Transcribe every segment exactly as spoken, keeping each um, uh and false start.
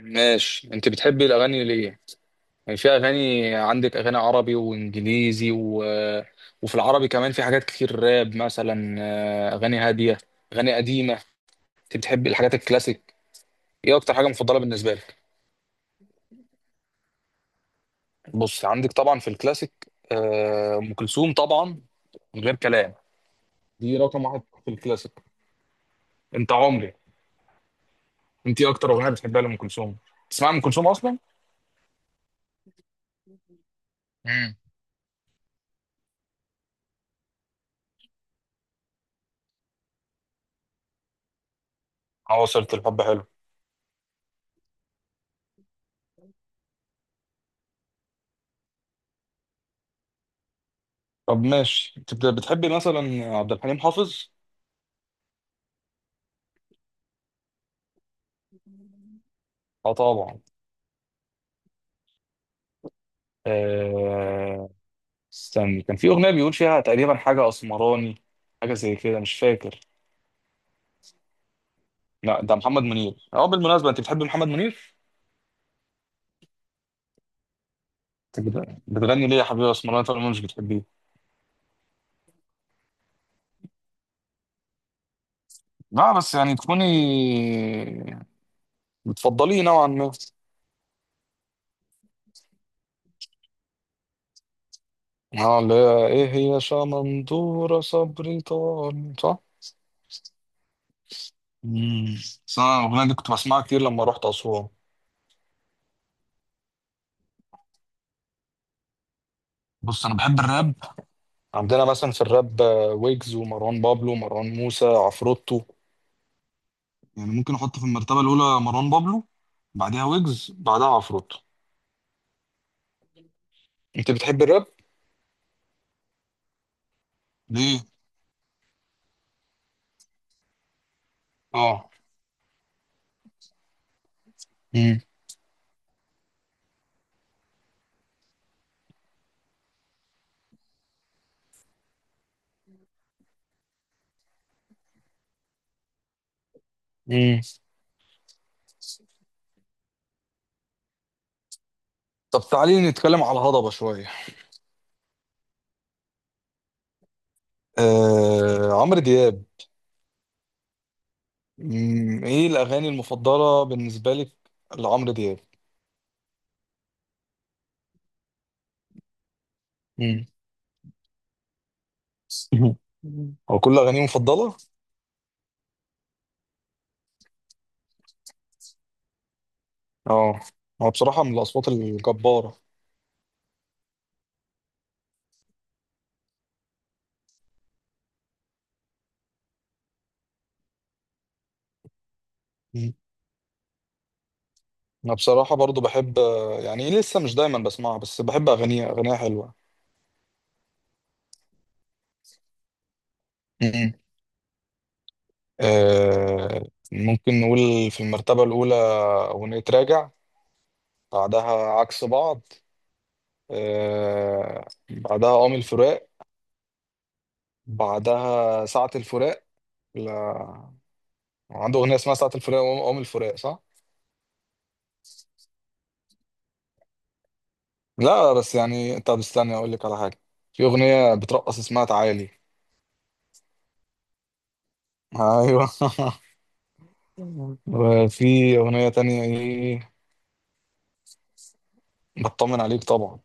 ماشي، انت بتحبي الاغاني ليه؟ يعني في اغاني. عندك اغاني عربي وانجليزي و... وفي العربي كمان في حاجات كتير، راب مثلا، آه، اغاني هاديه، اغاني قديمه. انت بتحبي الحاجات الكلاسيك؟ ايه اكتر حاجه مفضله بالنسبه لك؟ بص، عندك طبعا في الكلاسيك آه، ام كلثوم طبعا، من غير كلام. دي رقم واحد في الكلاسيك. انت عمري. انت ايه اكتر اغنيه بتحبها لام كلثوم؟ تسمع ام كلثوم اصلا؟ امم. عواصر الحب حلو. طب ماشي، انت بت- بتحبي مثلا عبد الحليم حافظ؟ اه طبعا. آه... استني، كان في اغنيه بيقول فيها تقريبا حاجه اسمراني، حاجه زي كده مش فاكر. لا، ده محمد منير. اه، بالمناسبه، انت بتحبي محمد منير؟ انت بت- بتغني ليه يا حبيبي اسمراني طالما مش بتحبيه؟ لا بس يعني تكوني بتفضليه نوعا ما. اه، اللي هي ايه؟ هي شمندوره صبري طال، صح؟ امم. بس انا الاغنيه دي كنت بسمعها كتير لما رحت اسوان. بص، انا بحب الراب. عندنا مثلا في الراب آه، ويجز ومروان بابلو ومروان موسى عفروتو. يعني ممكن احط في المرتبه الاولى مروان بابلو، بعدها ويجز، بعدها عفروتو. انت بتحب الراب؟ ليه؟ اه. امم. امم. طب تعالي نتكلم على الهضبه شويه. آه عمرو دياب. مم. ايه الاغاني المفضله بالنسبه لك لعمرو دياب؟ مم. هو كل اغانيه مفضله. اه، هو بصراحه من الاصوات الجباره. انا بصراحه برضو بحب، يعني لسه مش دايما بسمعها بس بحب اغانيها. اغانيها حلوه. مم. آه ممكن نقول في المرتبه الاولى اغنيه راجع، بعدها عكس بعض، آه بعدها قوم الفراق، بعدها ساعه الفراق. لا، عنده اغنيه اسمها ساعه الفراق وقوم الفراق، صح. لا بس يعني، طب استنى اقول لك على حاجه. في اغنيه بترقص اسمها تعالي. ايوه. وفي اغنيه تانية ايه؟ بطمن عليك طبعا.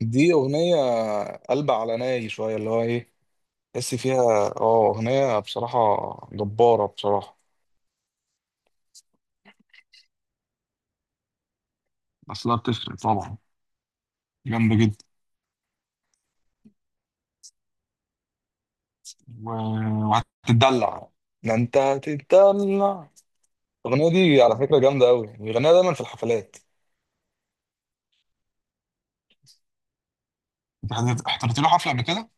دي أغنية قلب على ناي شوية، اللي هو إيه، تحس فيها. اه، أغنية بصراحة جبارة بصراحة. أصلها بتفرق طبعا، جامدة جدا. و... وهتتدلع، ده أنت هتتدلع. الأغنية دي على فكرة جامدة أوي، بيغنيها دايما في الحفلات. أنت حضرت حضرت له حفلة قبل كده؟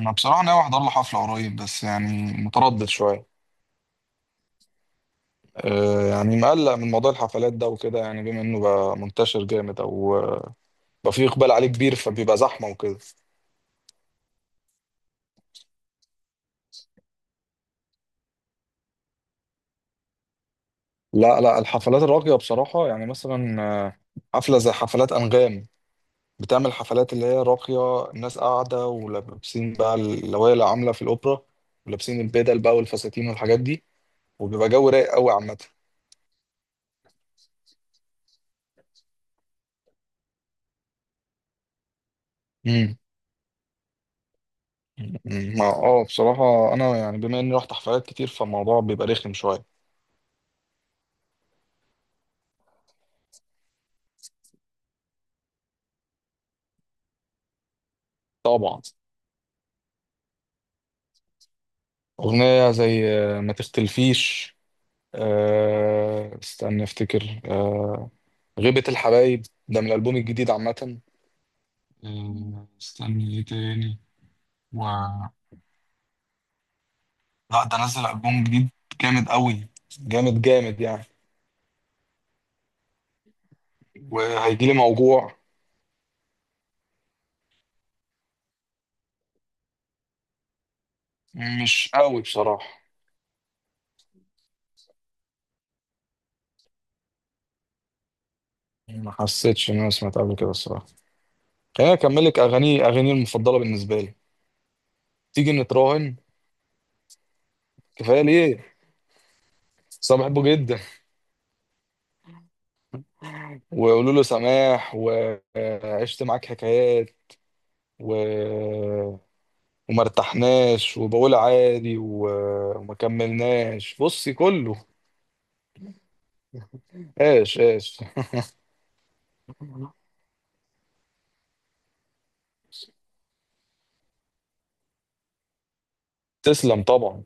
أنا بصراحة ناوي أحضر له حفلة قريب بس يعني متردد شوية. أه يعني مقلق من موضوع الحفلات ده وكده، يعني بما إنه بقى منتشر جامد أو آه، بقى فيه إقبال عليه كبير فبيبقى زحمة وكده. لا لا، الحفلات الراقية بصراحة يعني مثلا آه، حفلة زي حفلات أنغام. بتعمل حفلات اللي هي راقية، الناس قاعدة ولابسين بقى اللوايا اللي عاملة في الأوبرا، ولابسين البدل بقى والفساتين والحاجات دي، وبيبقى جو رايق قوي عامة. امم. ما اه بصراحة أنا يعني بما إني رحت حفلات كتير فالموضوع بيبقى رخم شوية. طبعا. أغنية زي آه، ما تختلفيش. آه، استنى أفتكر. آه، غيبة الحبايب، ده من الألبوم الجديد عامة. آه، استني ايه تاني؟ و... لا ده نزل ألبوم جديد، جامد قوي، جامد جامد يعني. وهيجيلي موجوع. مش قوي بصراحة. ما حسيتش ان انا سمعت قبل كده الصراحة. خليني اكمل لك اغاني اغاني المفضلة بالنسبة لي. تيجي نتراهن؟ كفاية ليه؟ بس أنا بحبه جدا. وقولوا له سماح، وعشت معاك حكايات و... وما ارتحناش، وبقول عادي و... وما كملناش. بصي كله. ايش ايش. تسلم طبعا.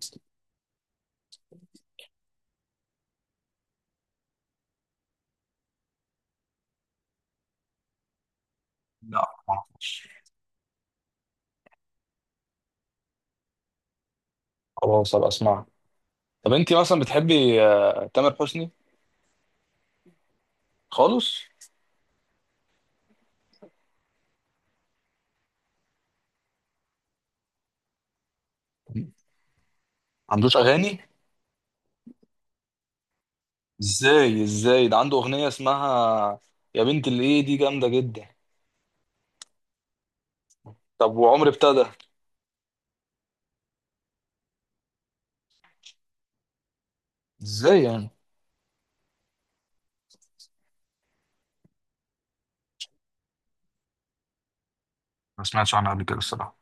لا، ما أعرفش. خلاص هبقى اسمعها. طب انت مثلا بتحبي آه، تامر حسني؟ خالص. ما عندوش اغاني؟ ازاي ازاي، ده عنده اغنيه اسمها يا بنت الايه، دي جامده جدا. طب وعمر ابتدى. ازاي يعني؟ ما سمعتش عنها قبل كده الصراحه.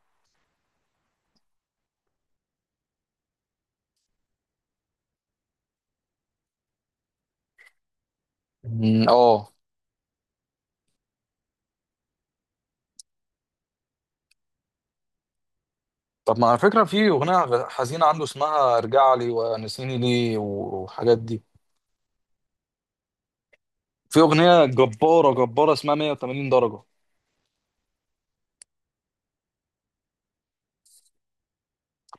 مم، اه. طب ما على فكره، في اغنيه غ- حزينه عنده اسمها ارجع لي ونسيني ليه والحاجات دي. في اغنيه جباره جباره اسمها مية وتمانين درجه.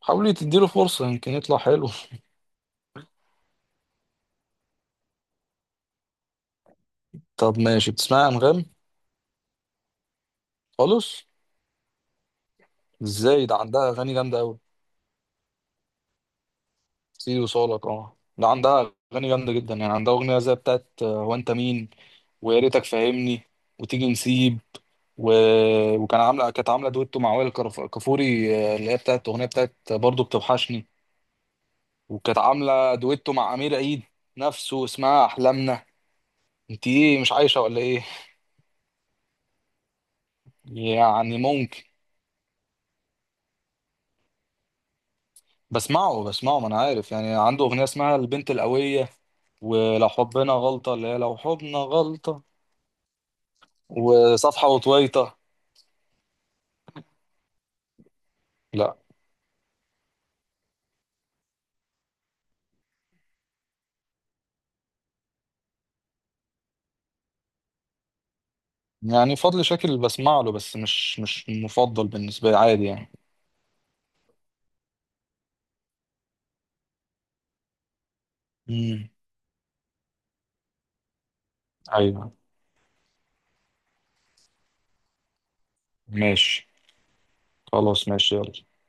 حاولي تديله فرصه، يمكن يطلع حلو. طب ماشي، بتسمعي انغام؟ خالص؟ ازاي، ده عندها اغاني جامده قوي. سيدي وصالك، اه ده عندها اغاني جامده جدا يعني. عندها اغنيه زي بتاعت آه، هو انت مين، ويا ريتك فاهمني، وتيجي نسيب و... وكان عامله كانت عامله دويتو مع وائل كرف- كفوري، آه، اللي هي بتاعت اغنيه بتاعت برضه بتوحشني. وكانت عامله دويتو مع امير عيد نفسه اسمها احلامنا. انت ايه مش عايشه ولا ايه؟ يعني ممكن. بسمعه بسمعه، ما انا عارف يعني عنده اغنيه اسمها البنت القويه، ولو حبنا غلطة اللي هي لو حبنا غلطة، وصفحة وطويطة. لا. يعني فضل شاكر بسمع له بس مش مش مفضل بالنسبة لي، عادي يعني. امم. ايوه. ماشي، خلاص ماشي يلا.